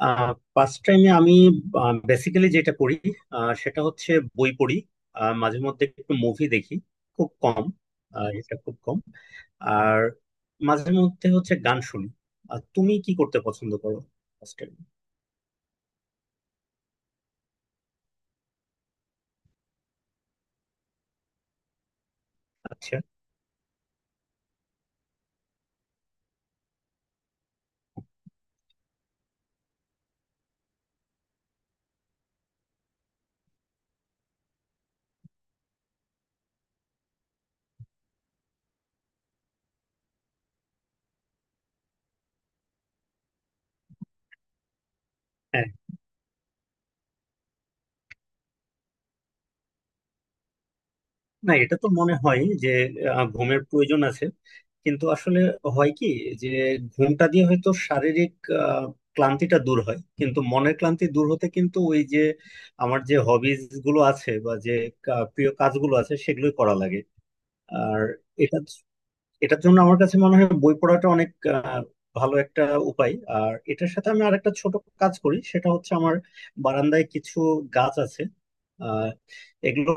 হ্যাঁ, পাস টাইমে আমি বেসিক্যালি যেটা করি, সেটা হচ্ছে বই পড়ি। মাঝে মধ্যে একটু মুভি দেখি, খুব কম। এটা খুব কম। আর মাঝে মধ্যে হচ্ছে গান শুনি। আর তুমি কি করতে পছন্দ করো, ফার্স্ট টাইম? আচ্ছা। হ্যাঁ। না, এটা তো মনে হয় যে ঘুমের প্রয়োজন আছে, কিন্তু আসলে হয় কি, যে ঘুমটা দিয়ে হয়তো শারীরিক আহ, ক্লান্তিটা দূর হয়, কিন্তু মনের ক্লান্তি দূর হতে কিন্তু ওই যে আমার যে হবিজ গুলো আছে বা যে প্রিয় কাজগুলো আছে সেগুলোই করা লাগে। আর এটা, এটার জন্য আমার কাছে মনে হয় বই পড়াটা অনেক আহ, ভালো একটা উপায়। আর এটার সাথে আমি আরেকটা ছোট কাজ করি, সেটা হচ্ছে আমার বারান্দায় কিছু গাছ আছে। আহ, এগুলো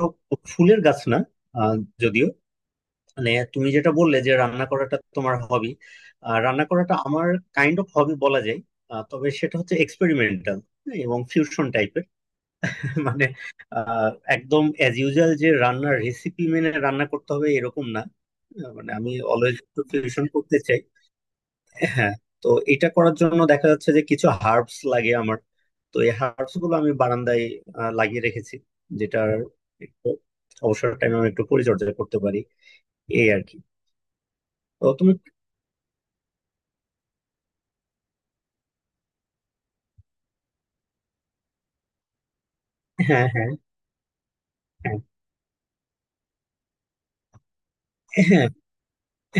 ফুলের গাছ না। আহ, যদিও মানে তুমি যেটা বললে যে রান্না করাটা তোমার হবি, রান্না করাটা আমার কাইন্ড অফ হবি বলা যায়। তবে সেটা হচ্ছে এক্সপেরিমেন্টাল এবং ফিউশন টাইপের। মানে আহ, একদম অ্যাজ ইউজুয়াল যে রান্নার রেসিপি মেনে রান্না করতে হবে, এরকম না। মানে আমি অলওয়েজ একটু ফিউশন করতে চাই। হ্যাঁ। তো এটা করার জন্য দেখা যাচ্ছে যে কিছু হার্বস লাগে আমার। তো এই হার্বস গুলো আমি বারান্দায় লাগিয়ে রেখেছি, যেটার একটু অবসর টাইমে আমি একটু পরিচর্যা করতে পারি, এই আর কি। তো তুমি। হ্যাঁ, হ্যাঁ, হ্যাঁ। হ্যাঁ,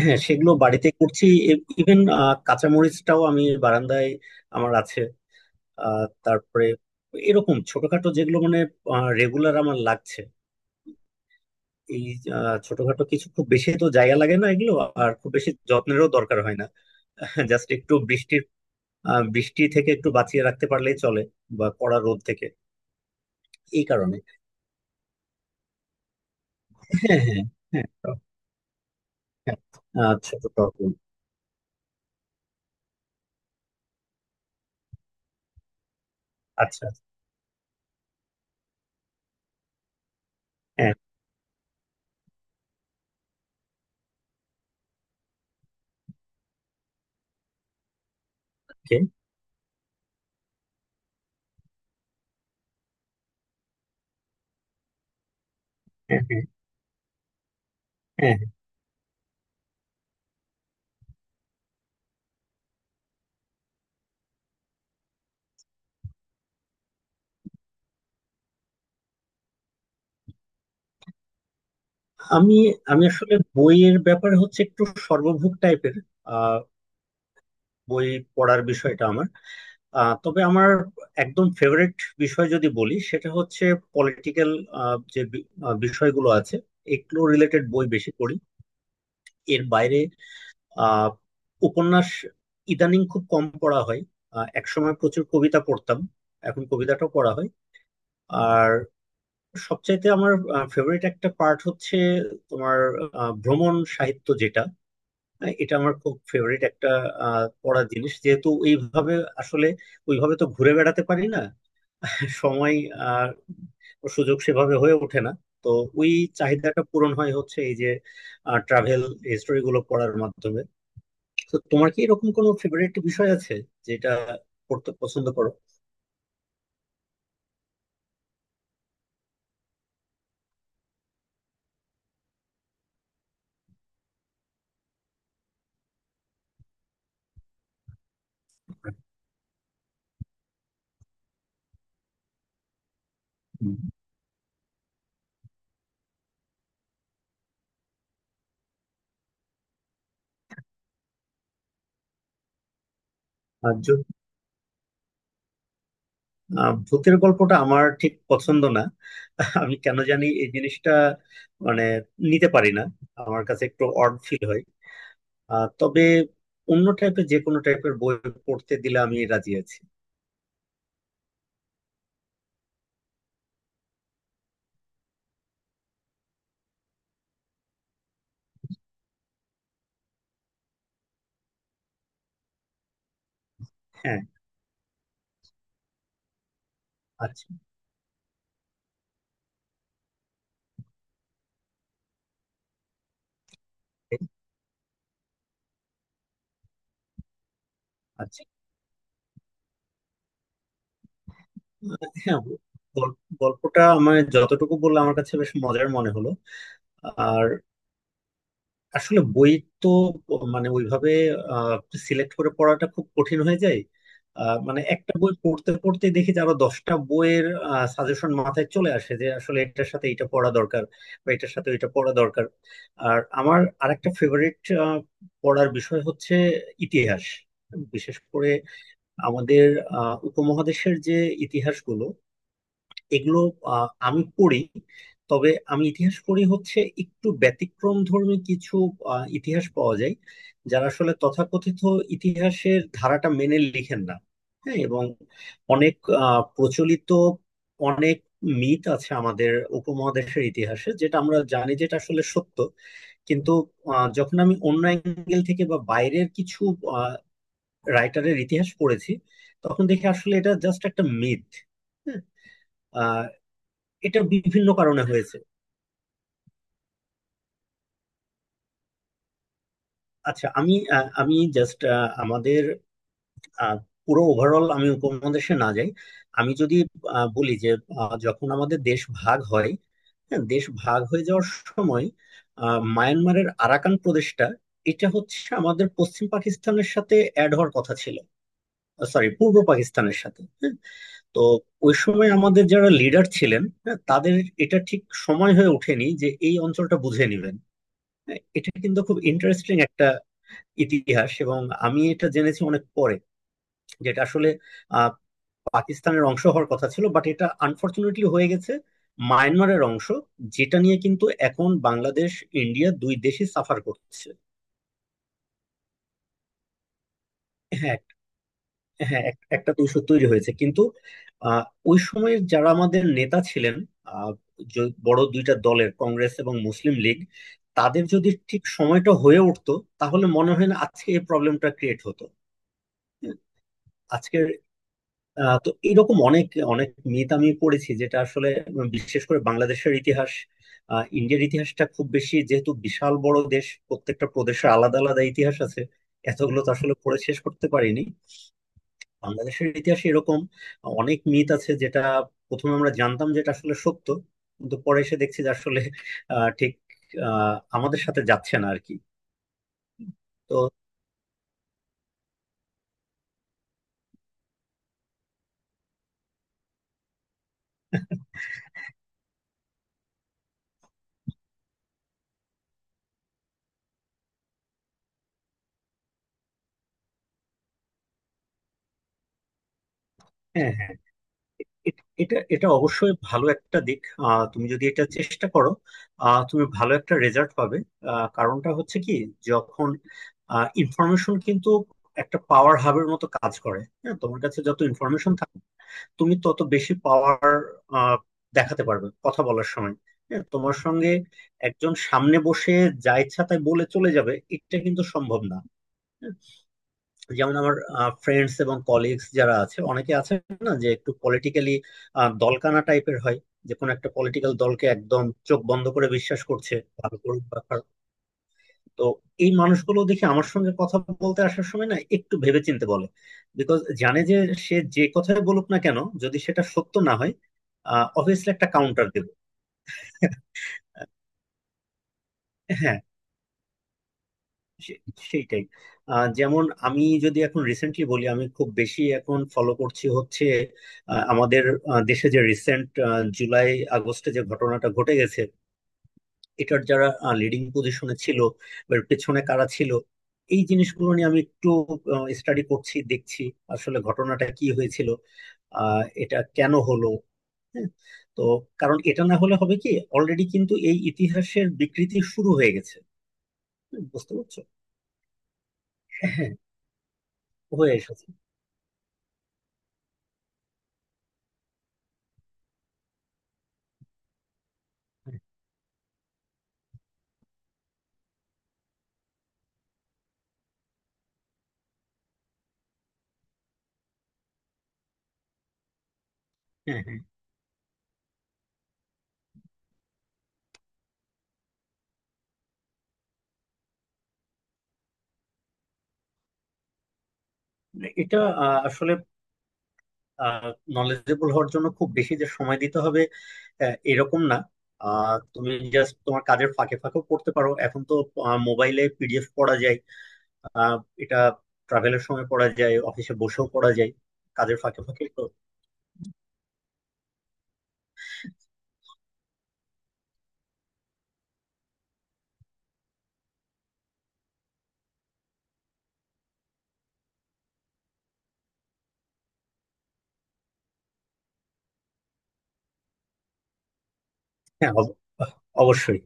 হ্যাঁ, সেগুলো বাড়িতে করছি। ইভেন কাঁচামরিচটাও আমি বারান্দায় আমার আছে। আহ, তারপরে এরকম ছোটখাটো যেগুলো মানে রেগুলার আমার লাগছে। এই ছোটখাটো কিছু, খুব বেশি তো জায়গা লাগে না এগুলো। আর খুব বেশি যত্নেরও দরকার হয় না। জাস্ট একটু বৃষ্টির বৃষ্টি থেকে একটু বাঁচিয়ে রাখতে পারলেই চলে, বা কড়া রোদ থেকে। এই কারণে। হ্যাঁ, হ্যাঁ, হ্যাঁ, টক, হ্যাঁ। আচ্ছা, তো টক। আচ্ছা। হ্যাঁ। Okay. হ্যাঁ, হ্যাঁ, হ্যাঁ, হ্যাঁ। আমি আমি আসলে বইয়ের ব্যাপারে হচ্ছে একটু সর্বভুক টাইপের। আহ, বই পড়ার বিষয়টা আমার, আহ, তবে আমার একদম ফেভারিট বিষয় যদি বলি সেটা হচ্ছে পলিটিক্যাল যে বিষয়গুলো আছে, এগুলো রিলেটেড বই বেশি পড়ি। এর বাইরে আহ, উপন্যাস ইদানিং খুব কম পড়া হয়। একসময় প্রচুর কবিতা পড়তাম, এখন কবিতাটাও পড়া হয়। আর সবচাইতে আমার ফেভারিট একটা পার্ট হচ্ছে তোমার, ভ্রমণ সাহিত্য যেটা, এটা আমার খুব ফেভারিট একটা পড়ার জিনিস, যেহেতু এইভাবে আসলে ওইভাবে তো ঘুরে বেড়াতে পারি না, সময় আর সুযোগ সেভাবে হয়ে ওঠে না। তো ওই চাহিদাটা পূরণ হয় হচ্ছে এই যে ট্রাভেল হিস্টোরি গুলো পড়ার মাধ্যমে। তো তোমার কি এরকম কোনো ফেভারিট বিষয় আছে যেটা পড়তে পছন্দ করো? হুম। আর যদি ভূতের গল্পটা আমার ঠিক পছন্দ না। আমি কেন জানি এই জিনিসটা মানে নিতে পারি না, আমার কাছে একটু অড ফিল হয়। তবে অন্য টাইপের যে কোনো টাইপের বই পড়তে দিলে আমি রাজি আছি। হ্যাঁ। আচ্ছা। আচ্ছা। হ্যাঁ। গল্পটা আমার যতটুকু বললাম আমার কাছে বেশ মজার মনে হলো। আর আসলে বই তো মানে ওইভাবে সিলেক্ট করে পড়াটা খুব কঠিন হয়ে যায়। মানে একটা বই পড়তে পড়তে দেখি যে আরো 10টা বইয়ের সাজেশন মাথায় চলে আসে, যে আসলে এটার সাথে এটা পড়া দরকার বা এটার সাথে এটা পড়া দরকার। আর আমার আরেকটা ফেভারিট পড়ার বিষয় হচ্ছে ইতিহাস, বিশেষ করে আমাদের উপমহাদেশের যে ইতিহাসগুলো, এগুলো আমি পড়ি। তবে আমি ইতিহাস পড়ি হচ্ছে একটু ব্যতিক্রম ধর্মী কিছু ইতিহাস পাওয়া যায় যারা আসলে তথাকথিত ইতিহাসের ধারাটা মেনে লিখেন না। হ্যাঁ, এবং অনেক প্রচলিত অনেক মিথ আছে আমাদের উপমহাদেশের ইতিহাসে, যেটা আমরা জানি যেটা আসলে সত্য, কিন্তু যখন আমি অন্য অ্যাঙ্গেল থেকে বা বাইরের কিছু রাইটারের ইতিহাস পড়েছি, তখন দেখি আসলে এটা জাস্ট একটা মিথ। এটা বিভিন্ন কারণে হয়েছে। আচ্ছা আমি, আমি জাস্ট আমাদের আহ, পুরো ওভারঅল আমি উপমহাদেশে না যাই। আমি যদি বলি যে যখন আমাদের দেশ ভাগ হয়, হ্যাঁ দেশ ভাগ হয়ে যাওয়ার সময় মায়ানমারের আরাকান প্রদেশটা, এটা হচ্ছে আমাদের পশ্চিম পাকিস্তানের সাথে অ্যাড হওয়ার কথা ছিল, সরি পূর্ব পাকিস্তানের সাথে। হ্যাঁ। তো ওই সময় আমাদের যারা লিডার ছিলেন, হ্যাঁ তাদের এটা ঠিক সময় হয়ে ওঠেনি যে এই অঞ্চলটা বুঝে নেবেন। হ্যাঁ, এটা কিন্তু খুব ইন্টারেস্টিং ইতিহাস, এবং আমি এটা জেনেছি অনেক পরে। যেটা আসলে আহ, পাকিস্তানের অংশ হওয়ার কথা ছিল, বাট এটা আনফরচুনেটলি হয়ে গেছে মায়ানমারের অংশ, যেটা নিয়ে কিন্তু এখন বাংলাদেশ ইন্ডিয়া দুই দেশই সাফার করছে। হ্যাঁ এক- একটা দূষণ তৈরি হয়েছে, কিন্তু আহ, ওই সময়ের যারা আমাদের নেতা ছিলেন, আহ, বড় দুইটা দলের কংগ্রেস এবং মুসলিম লীগ, তাদের যদি ঠিক সময়টা হয়ে উঠতো, তাহলে মনে হয় না আজকে এই প্রবলেমটা ক্রিয়েট হতো। হ্যাঁ, আজকের তো এরকম অনেক অনেক মিথ আমি পড়েছি, যেটা আসলে বিশেষ করে বাংলাদেশের ইতিহাস, ইন্ডিয়ার ইতিহাসটা খুব বেশি, যেহেতু বিশাল বড় দেশ প্রত্যেকটা প্রদেশের আলাদা আলাদা ইতিহাস আছে, এতগুলো তো আসলে পড়ে শেষ করতে পারিনি। বাংলাদেশের ইতিহাসে এরকম অনেক মিথ আছে যেটা প্রথমে আমরা জানতাম যেটা আসলে সত্য, কিন্তু পরে এসে দেখছি যে আসলে আহ, ঠিক আহ, আমাদের সাথে যাচ্ছে না আর কি। তো হ্যাঁ, হ্যাঁ। এ- এটা এটা অবশ্যই ভালো একটা দিক। তুমি যদি এটা চেষ্টা করো, তুমি ভালো একটা রেজাল্ট পাবে। কারণটা হচ্ছে কি, যখন ইনফরমেশন কিন্তু একটা পাওয়ার হাবের মতো কাজ করে। হ্যাঁ, তোমার কাছে যত ইনফরমেশন থাকবে, তুমি তত বেশি পাওয়ার দেখাতে পারবে কথা বলার সময়। হ্যাঁ, তোমার সঙ্গে একজন সামনে বসে যা ইচ্ছা তাই বলে চলে যাবে, এটা কিন্তু সম্ভব না। হ্যাঁ? যেমন আমার ফ্রেন্ডস এবং কলিগস যারা আছে, অনেকে আছে না, যে একটু পলিটিক্যালি দলকানা টাইপের হয়, যে কোনো একটা পলিটিক্যাল দলকে একদম চোখ বন্ধ করে বিশ্বাস করছে, ভালো করুক বা খারাপ। তো এই মানুষগুলো দেখি আমার সঙ্গে কথা বলতে আসার সময় না একটু ভেবেচিন্তে বলে, বিকজ জানে যে সে যে কথাই বলুক না কেন, যদি সেটা সত্য না হয়, অবভিয়াসলি একটা কাউন্টার দেবে। হ্যাঁ। সে- সেইটাই। যেমন আমি যদি এখন রিসেন্টলি বলি, আমি খুব বেশি এখন ফলো করছি হচ্ছে আমাদের দেশে যে রিসেন্ট জুলাই আগস্টে যে ঘটনাটা ঘটে গেছে, এটার যারা লিডিং পজিশনে ছিল বা এর পেছনে কারা ছিল, এই জিনিসগুলো নিয়ে আমি একটু স্টাডি করছি, দেখছি আসলে ঘটনাটা কি হয়েছিল, আহ, এটা কেন হলো। হ্যাঁ। তো কারণ এটা না হলে হবে কি, অলরেডি কিন্তু এই ইতিহাসের বিকৃতি শুরু হয়ে গেছে। হুম, বুঝতে পারছো। হ্যাঁ, হয়ে এসেছে। হ্যাঁ। হ্যাঁ, হ্যাঁ। মানে এটা আসলে নলেজেবল হওয়ার জন্য খুব বেশি যে সময় দিতে হবে, এরকম না। তুমি জাস্ট তোমার কাজের ফাঁকে ফাঁকেও পড়তে পারো, এখন তো মোবাইলে PDF পড়া যায়। আহ, এটা ট্রাভেলের সময় পড়া যায়, অফিসে বসেও পড়া যায়, কাজের ফাঁকে ফাঁকে তো। হ্যাঁ। অবশ্যই।